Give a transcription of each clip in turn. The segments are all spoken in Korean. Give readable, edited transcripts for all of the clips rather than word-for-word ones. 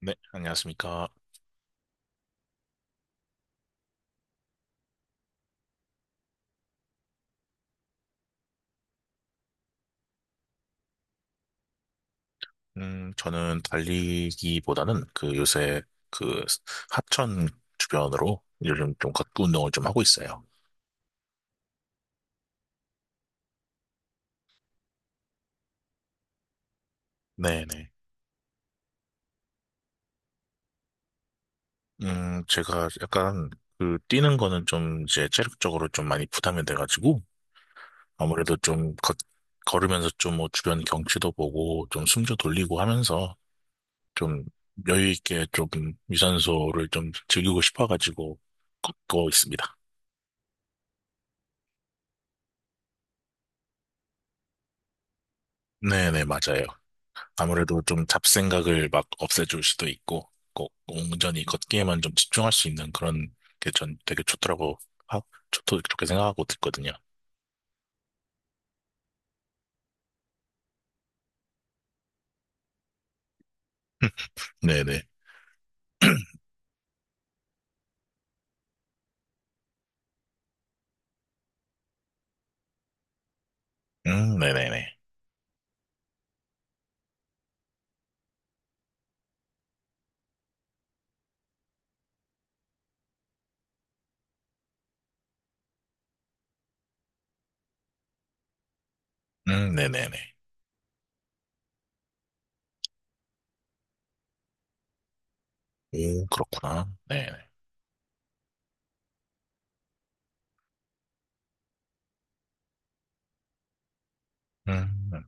네, 안녕하십니까. 저는 달리기보다는 요새 그 하천 주변으로 요즘 좀 걷기 운동을 좀 하고 있어요. 네네. 제가 약간 그 뛰는 거는 좀 이제 체력적으로 좀 많이 부담이 돼가지고 아무래도 걸으면서 좀 뭐 주변 경치도 보고 좀 숨도 돌리고 하면서 좀 여유 있게 조금 유산소를 좀 즐기고 싶어가지고 걷고 있습니다. 네네, 맞아요. 아무래도 좀 잡생각을 막 없애줄 수도 있고, 꼭 온전히 걷기에만 좀 집중할 수 있는 그런 게 전 되게 좋더라고, 하, 좋게 생각하고 듣거든요. 네네. 네네네. 네네네. 오, 그렇구나. 네네. 음,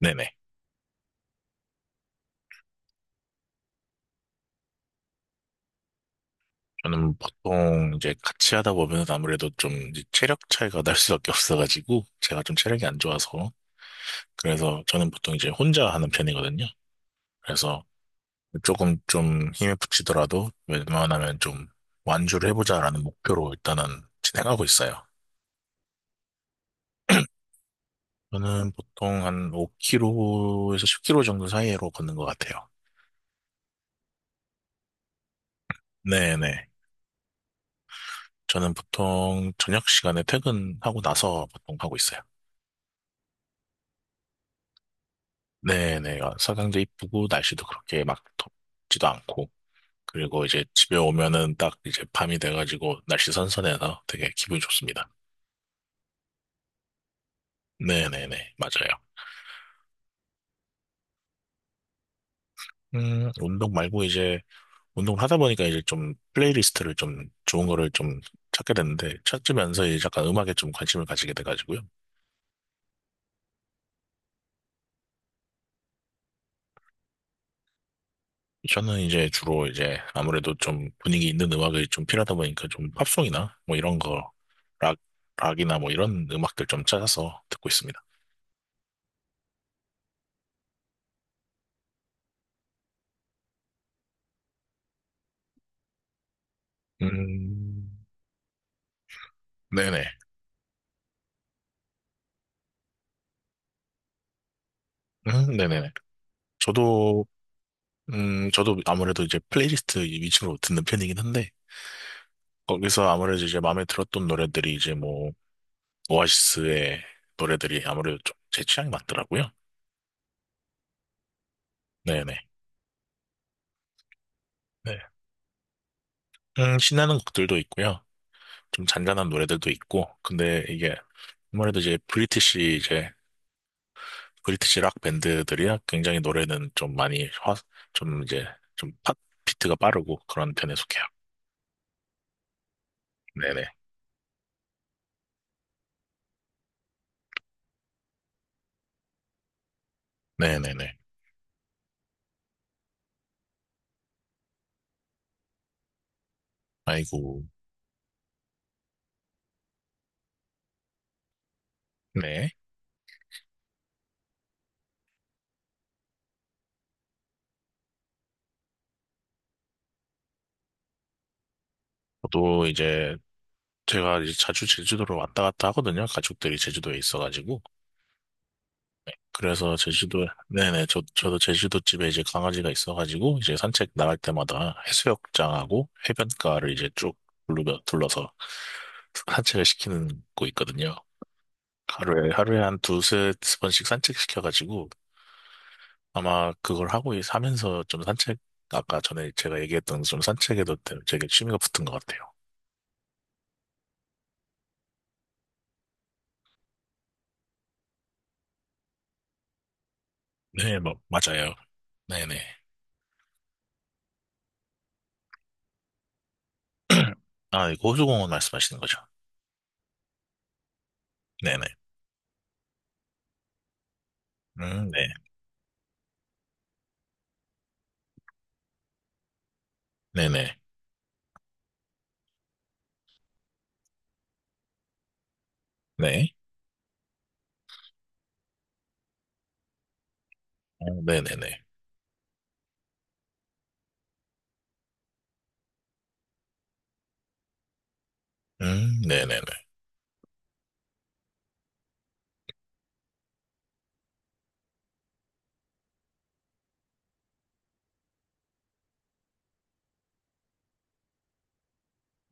네네. 저는 보통 이제 같이 하다 보면 아무래도 좀 이제 체력 차이가 날 수밖에 없어가지고, 제가 좀 체력이 안 좋아서, 그래서 저는 보통 이제 혼자 하는 편이거든요. 그래서 조금 좀 힘이 붙이더라도 웬만하면 좀 완주를 해보자라는 목표로 일단은 진행하고 있어요. 저는 보통 한 5km에서 10km 정도 사이로 걷는 것 같아요. 네네. 저는 보통 저녁 시간에 퇴근하고 나서 보통 하고 있어요. 네네. 서강도 이쁘고 날씨도 그렇게 막 덥지도 않고. 그리고 이제 집에 오면은 딱 이제 밤이 돼가지고 날씨 선선해서 되게 기분이 좋습니다. 네네네. 맞아요. 운동 말고 이제 운동을 하다 보니까 이제 좀 플레이리스트를 좀 좋은 거를 좀 찾게 됐는데 찾으면서 이제 약간 음악에 좀 관심을 가지게 돼가지고요. 저는 이제 주로 이제 아무래도 좀 분위기 있는 음악이 좀 필요하다 보니까 좀 팝송이나 뭐 이런 거, 락, 락이나 뭐 이런 음악들 좀 찾아서 듣고 있습니다. 음, 네네. 네네네. 저도, 저도 아무래도 이제 플레이리스트 위주로 듣는 편이긴 한데 거기서 아무래도 이제 마음에 들었던 노래들이 이제 뭐 오아시스의 노래들이 아무래도 좀 제 취향이 맞더라고요. 네네. 네. 신나는 곡들도 있고요. 좀 잔잔한 노래들도 있고. 근데 이게 아무래도 이제 브리티시 락 밴드들이야 굉장히 노래는 좀 많이 좀 이제 좀 팟, 비트가 빠르고 그런 편에 속해요. 네네. 네네네. 아이고. 네. 저도 이제 제가 이제 자주 제주도로 왔다 갔다 하거든요. 가족들이 제주도에 있어가지고. 그래서 제주도, 네네, 저도 제주도 집에 이제 강아지가 있어가지고, 이제 산책 나갈 때마다 해수욕장하고 해변가를 이제 쭉 둘러서 산책을 시키는 거 있거든요. 하루에 한 두세 번씩 산책시켜가지고, 아마 하면서 좀 산책, 아까 전에 제가 얘기했던 좀 산책에도 되게 취미가 붙은 것 같아요. 네, 뭐, 맞아요. 네네. 아, 이거 호수공원 말씀하시는 거죠? 네네. 네. 네네. 네. 어, 네네네. 네네네.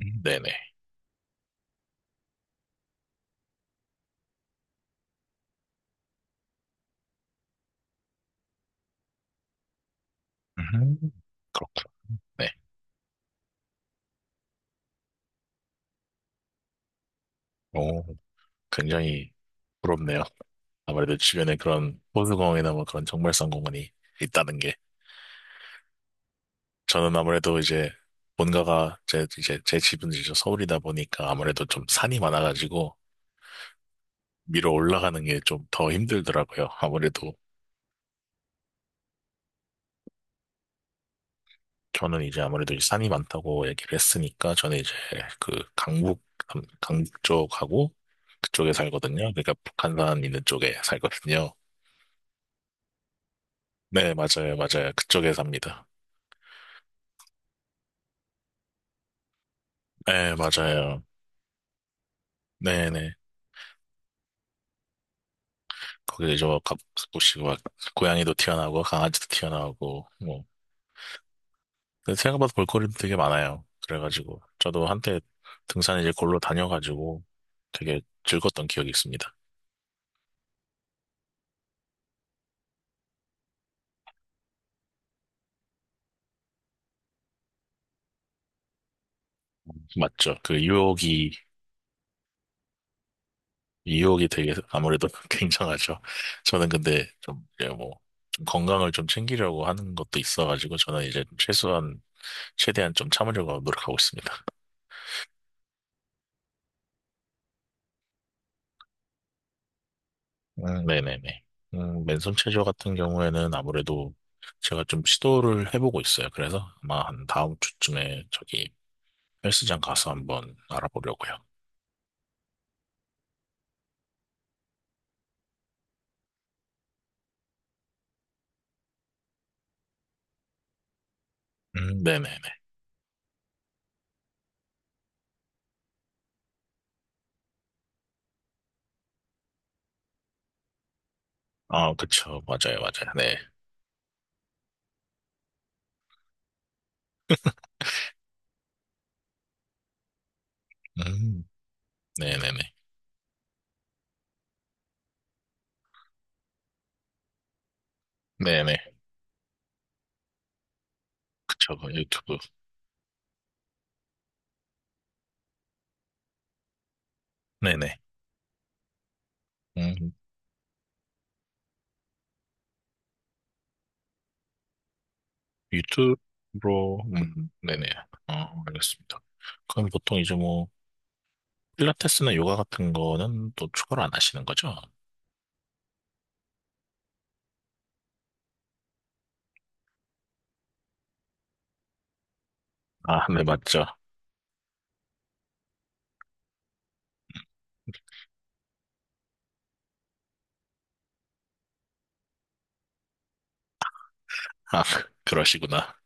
네네. 음, 그렇군. 네. 오, 굉장히 부럽네요. 아무래도 주변에 그런 호수공원이나 뭐 그런 정발성 공원이 있다는 게. 저는 아무래도 이제 본가가 이제 제 집은 이제 서울이다 보니까 아무래도 좀 산이 많아가지고 위로 올라가는 게 좀 더 힘들더라고요. 아무래도 저는 이제 아무래도 이제 산이 많다고 얘기를 했으니까 저는 이제 그 강북 쪽하고 그쪽에 살거든요. 그러니까 북한산 있는 쪽에 살거든요. 네, 맞아요, 맞아요. 그쪽에 삽니다. 네, 맞아요. 네네. 거기 이제 뭐 가끔씩 막 고양이도 튀어나오고 강아지도 튀어나오고 뭐 근데 생각보다 볼거리도 되게 많아요. 그래가지고 저도 한때 등산 이제 골로 다녀가지고 되게 즐거웠던 기억이 있습니다. 맞죠? 유혹이 되게 아무래도 굉장하죠. 저는 근데 좀 이제 뭐좀 건강을 좀 챙기려고 하는 것도 있어가지고 저는 이제 최소한 최대한 좀 참으려고 노력하고 있습니다. 네네네. 맨손 체조 같은 경우에는 아무래도 제가 좀 시도를 해보고 있어요. 그래서 아마 한 다음 주쯤에 저기 헬스장 가서 한번 알아보려고요. 네네네. 아, 그쵸. 맞아요, 맞아요. 네. 음, 네네네. 네네. 그쵸. 그 유튜브. 네네. 음, 유튜브로, 네네. 어, 알겠습니다. 그럼 보통 이제 뭐, 필라테스나 요가 같은 거는 또 추가로 안 하시는 거죠? 아, 네, 맞죠. 아, 그러시구나.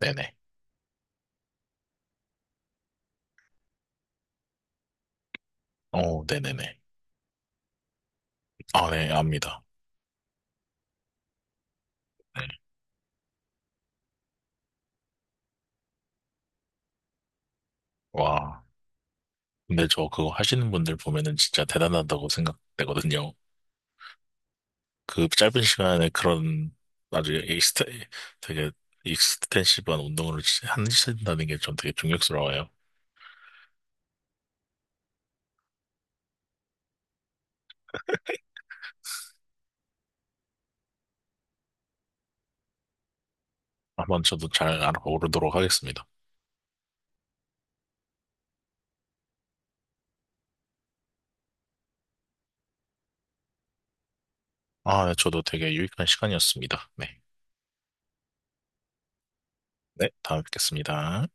네네. 어, 네네네. 아, 네, 압니다. 네. 와. 근데 저 그거 하시는 분들 보면은 진짜 대단하다고 생각되거든요. 그 짧은 시간에 그런 아주 익스테, 되게 익스텐시브한 운동을 하신다는 게 전 되게 존경스러워요. 한번 저도 잘 알아보도록 하겠습니다. 아, 저도 되게 유익한 시간이었습니다. 네. 네, 다음에 뵙겠습니다.